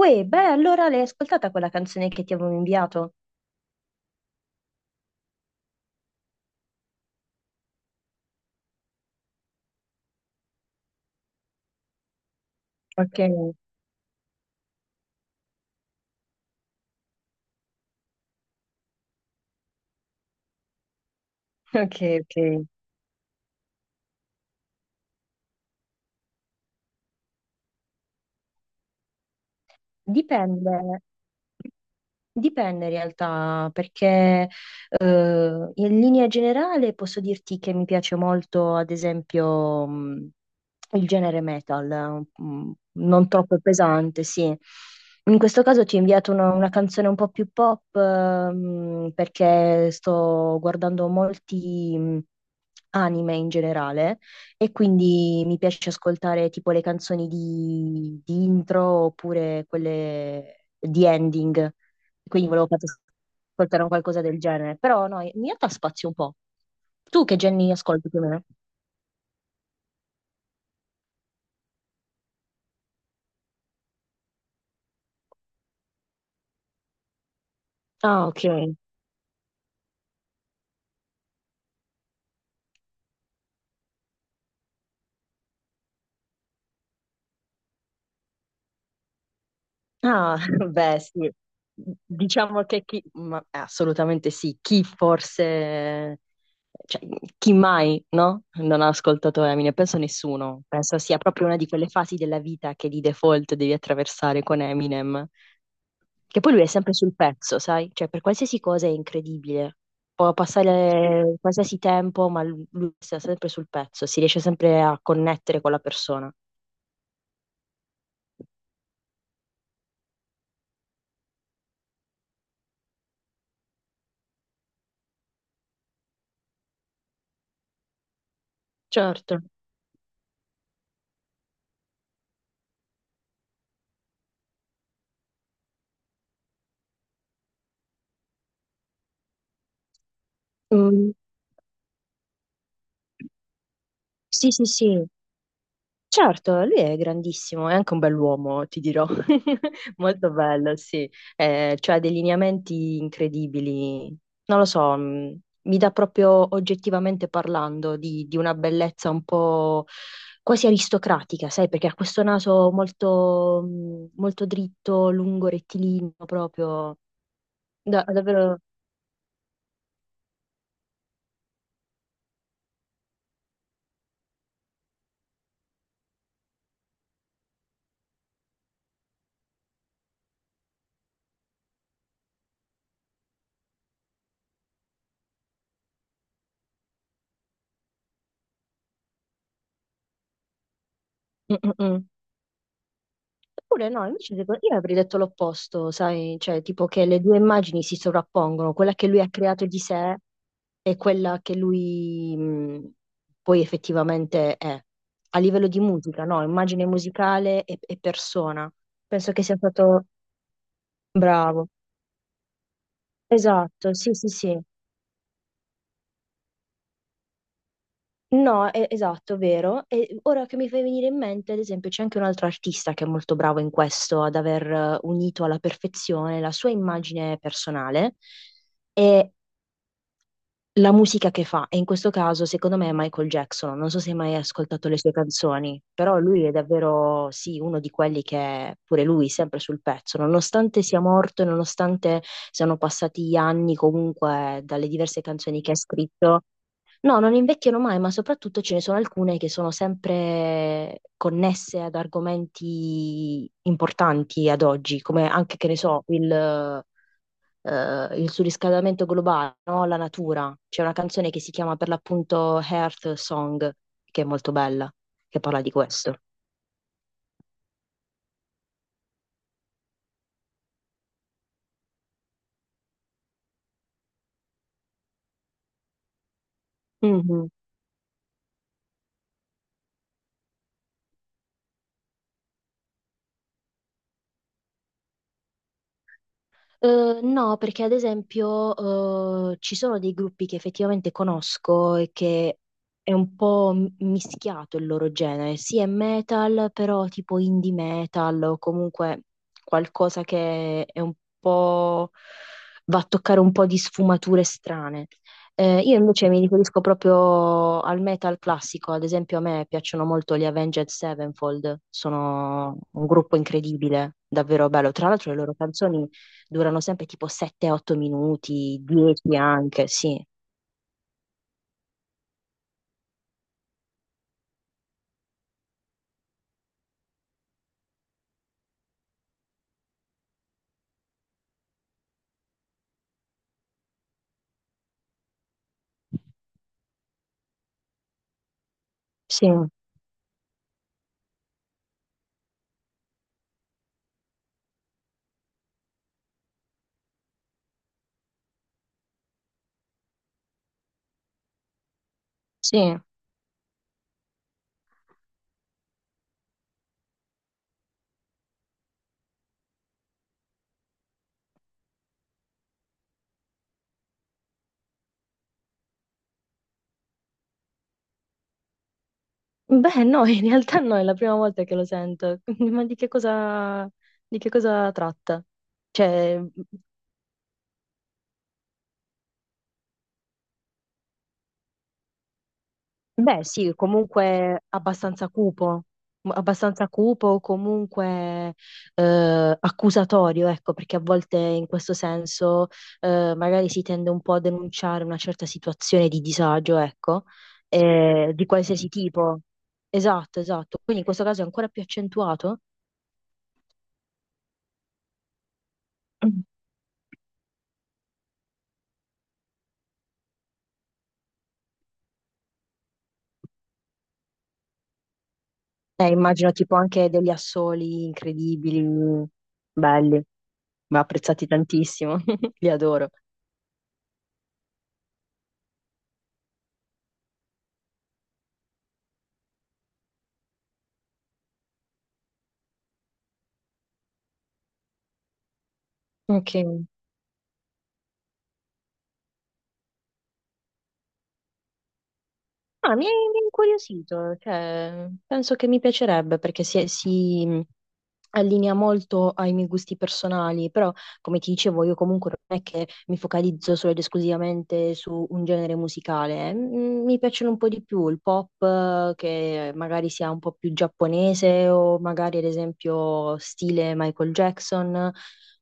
Uè, beh, allora l'hai ascoltata quella canzone che ti avevo inviato? Ok, ok, ok. Dipende. Dipende in realtà, perché in linea generale posso dirti che mi piace molto, ad esempio, il genere metal, non troppo pesante, sì. In questo caso ti ho inviato una canzone un po' più pop, perché sto guardando molti anime in generale e quindi mi piace ascoltare tipo le canzoni di intro oppure quelle di ending. Quindi volevo farti ascoltare un qualcosa del genere. Però no, in realtà spazio un po'. Tu che generi ascolti più o meno? Ah, ok. Ah, beh, sì. Diciamo che chi, ma assolutamente sì, chi forse, cioè, chi mai, no? Non ha ascoltato Eminem, penso nessuno. Penso sia proprio una di quelle fasi della vita che di default devi attraversare con Eminem. Che poi lui è sempre sul pezzo, sai? Cioè, per qualsiasi cosa è incredibile. Può passare qualsiasi tempo, ma lui sta sempre sul pezzo, si riesce sempre a connettere con la persona. Certo. Mm, sì, sì, sì. Certo, lui è grandissimo, è anche un bell'uomo, ti dirò. Molto bello, sì. Cioè ha dei lineamenti incredibili. Non lo so, mi dà proprio oggettivamente parlando di una bellezza un po' quasi aristocratica, sai, perché ha questo naso molto, molto dritto, lungo, rettilineo, proprio. Davvero. Mm, mm, mm. Eppure no, invece io avrei detto l'opposto, sai, cioè tipo che le due immagini si sovrappongono, quella che lui ha creato di sé è quella che lui poi effettivamente è. A livello di musica, no, immagine musicale e persona. Penso che sia stato bravo. Esatto, sì, sì, sì. No, è, esatto, vero. E ora che mi fai venire in mente, ad esempio, c'è anche un altro artista che è molto bravo in questo, ad aver unito alla perfezione la sua immagine personale e la musica che fa, e in questo caso secondo me è Michael Jackson, non so se hai mai ascoltato le sue canzoni, però lui è davvero, sì, uno di quelli che è pure lui sempre sul pezzo, nonostante sia morto e nonostante siano passati anni comunque dalle diverse canzoni che ha scritto, no, non invecchiano mai, ma soprattutto ce ne sono alcune che sono sempre connesse ad argomenti importanti ad oggi, come anche, che ne so, il surriscaldamento globale, no? La natura. C'è una canzone che si chiama per l'appunto Earth Song, che è molto bella, che parla di questo. Mhm. No, perché ad esempio ci sono dei gruppi che effettivamente conosco e che è un po' mischiato il loro genere, sì è metal, però tipo indie metal o comunque qualcosa che è un po' va a toccare un po' di sfumature strane. Io invece mi riferisco proprio al metal classico, ad esempio a me piacciono molto gli Avenged Sevenfold, sono un gruppo incredibile, davvero bello. Tra l'altro le loro canzoni durano sempre tipo 7-8 minuti, 10 anche, sì, sì, sì. Beh, no, in realtà no, è la prima volta che lo sento. Ma di che cosa tratta? Cioè, beh, sì, comunque abbastanza cupo, abbastanza cupo, comunque accusatorio, ecco, perché a volte in questo senso magari si tende un po' a denunciare una certa situazione di disagio, ecco, di qualsiasi tipo. Esatto, esatto. Quindi in questo caso è ancora più accentuato. Immagino tipo anche degli assoli incredibili, belli, ma apprezzati tantissimo, li adoro. Ok. Ah, mi è incuriosito, cioè, penso che mi piacerebbe perché allinea molto ai miei gusti personali, però come ti dicevo io comunque non è che mi focalizzo solo ed esclusivamente su un genere musicale. Mm, mi piacciono un po' di più il pop che magari sia un po' più giapponese o magari ad esempio stile Michael Jackson.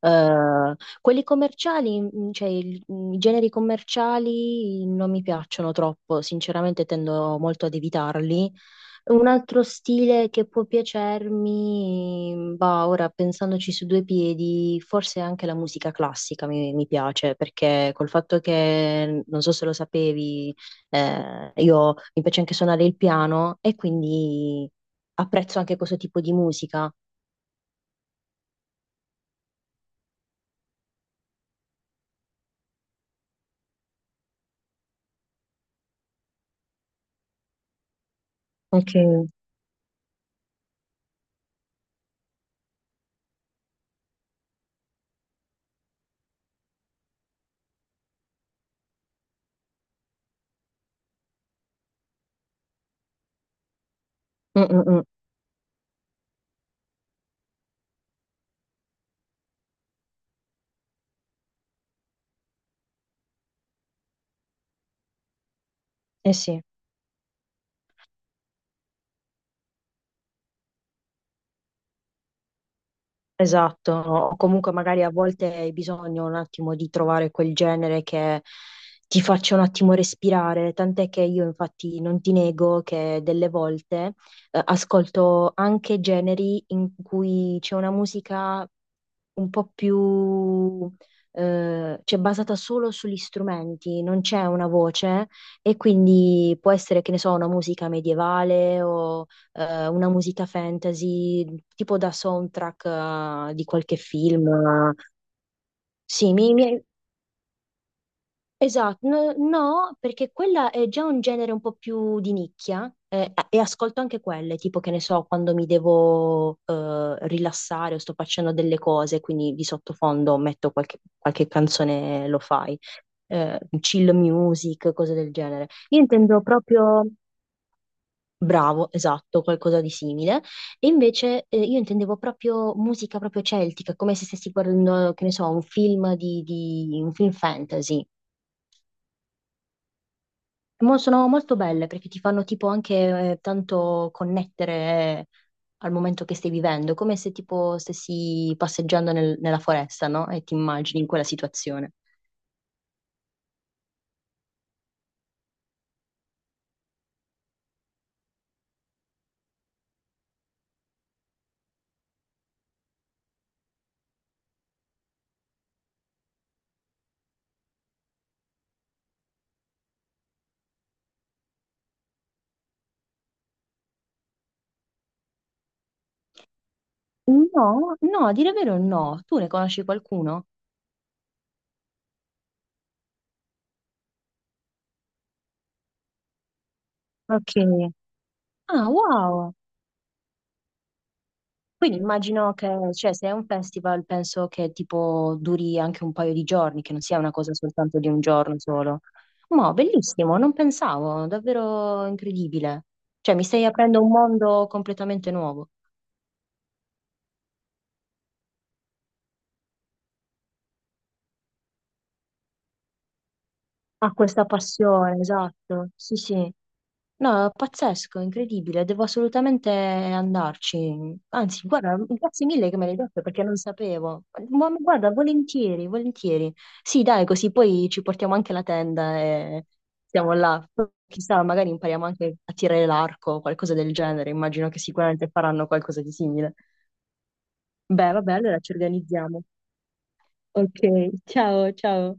Eh, quelli commerciali, mm, cioè i generi commerciali non mi piacciono troppo, sinceramente tendo molto ad evitarli. Un altro stile che può piacermi, bah, ora pensandoci su due piedi, forse anche la musica classica mi piace, perché col fatto che, non so se lo sapevi, io mi piace anche suonare il piano e quindi apprezzo anche questo tipo di musica. Ok. Mm, mm, mm. Eh sì. Esatto, o comunque magari a volte hai bisogno un attimo di trovare quel genere che ti faccia un attimo respirare, tant'è che io infatti non ti nego che delle volte ascolto anche generi in cui c'è una musica un po' più, cioè basata solo sugli strumenti, non c'è una voce e quindi può essere, che ne so, una musica medievale o una musica fantasy, tipo da soundtrack di qualche film. Sì, esatto, no, no, perché quella è già un genere un po' più di nicchia e ascolto anche quelle, tipo che ne so, quando mi devo rilassare o sto facendo delle cose, quindi di sottofondo metto qualche, qualche canzone lo-fi, chill music, cose del genere. Io intendo proprio, bravo, esatto, qualcosa di simile, e invece io intendevo proprio musica proprio celtica, come se stessi guardando, che ne so, un film un film fantasy. Sono molto belle perché ti fanno tipo anche tanto connettere eh, al momento che stai vivendo, come se tipo stessi passeggiando nella foresta, no? E ti immagini in quella situazione. No, no, a dire vero no. Tu ne conosci qualcuno? Ok. Ah, wow. Quindi immagino che, cioè, se è un festival, penso che tipo duri anche un paio di giorni, che non sia una cosa soltanto di un giorno solo. Ma bellissimo, non pensavo, davvero incredibile. Cioè, mi stai aprendo un mondo completamente nuovo. Ha questa passione, esatto. Sì, sì. No, è pazzesco, incredibile, devo assolutamente andarci. Anzi, guarda, grazie mille che me l'hai detto perché non sapevo. Ma guarda, volentieri, volentieri. Sì, dai, così poi ci portiamo anche la tenda e siamo là. Poi, chissà, magari impariamo anche a tirare l'arco o qualcosa del genere. Immagino che sicuramente faranno qualcosa di simile. Beh, vabbè, allora ci organizziamo. Ok, ciao, ciao.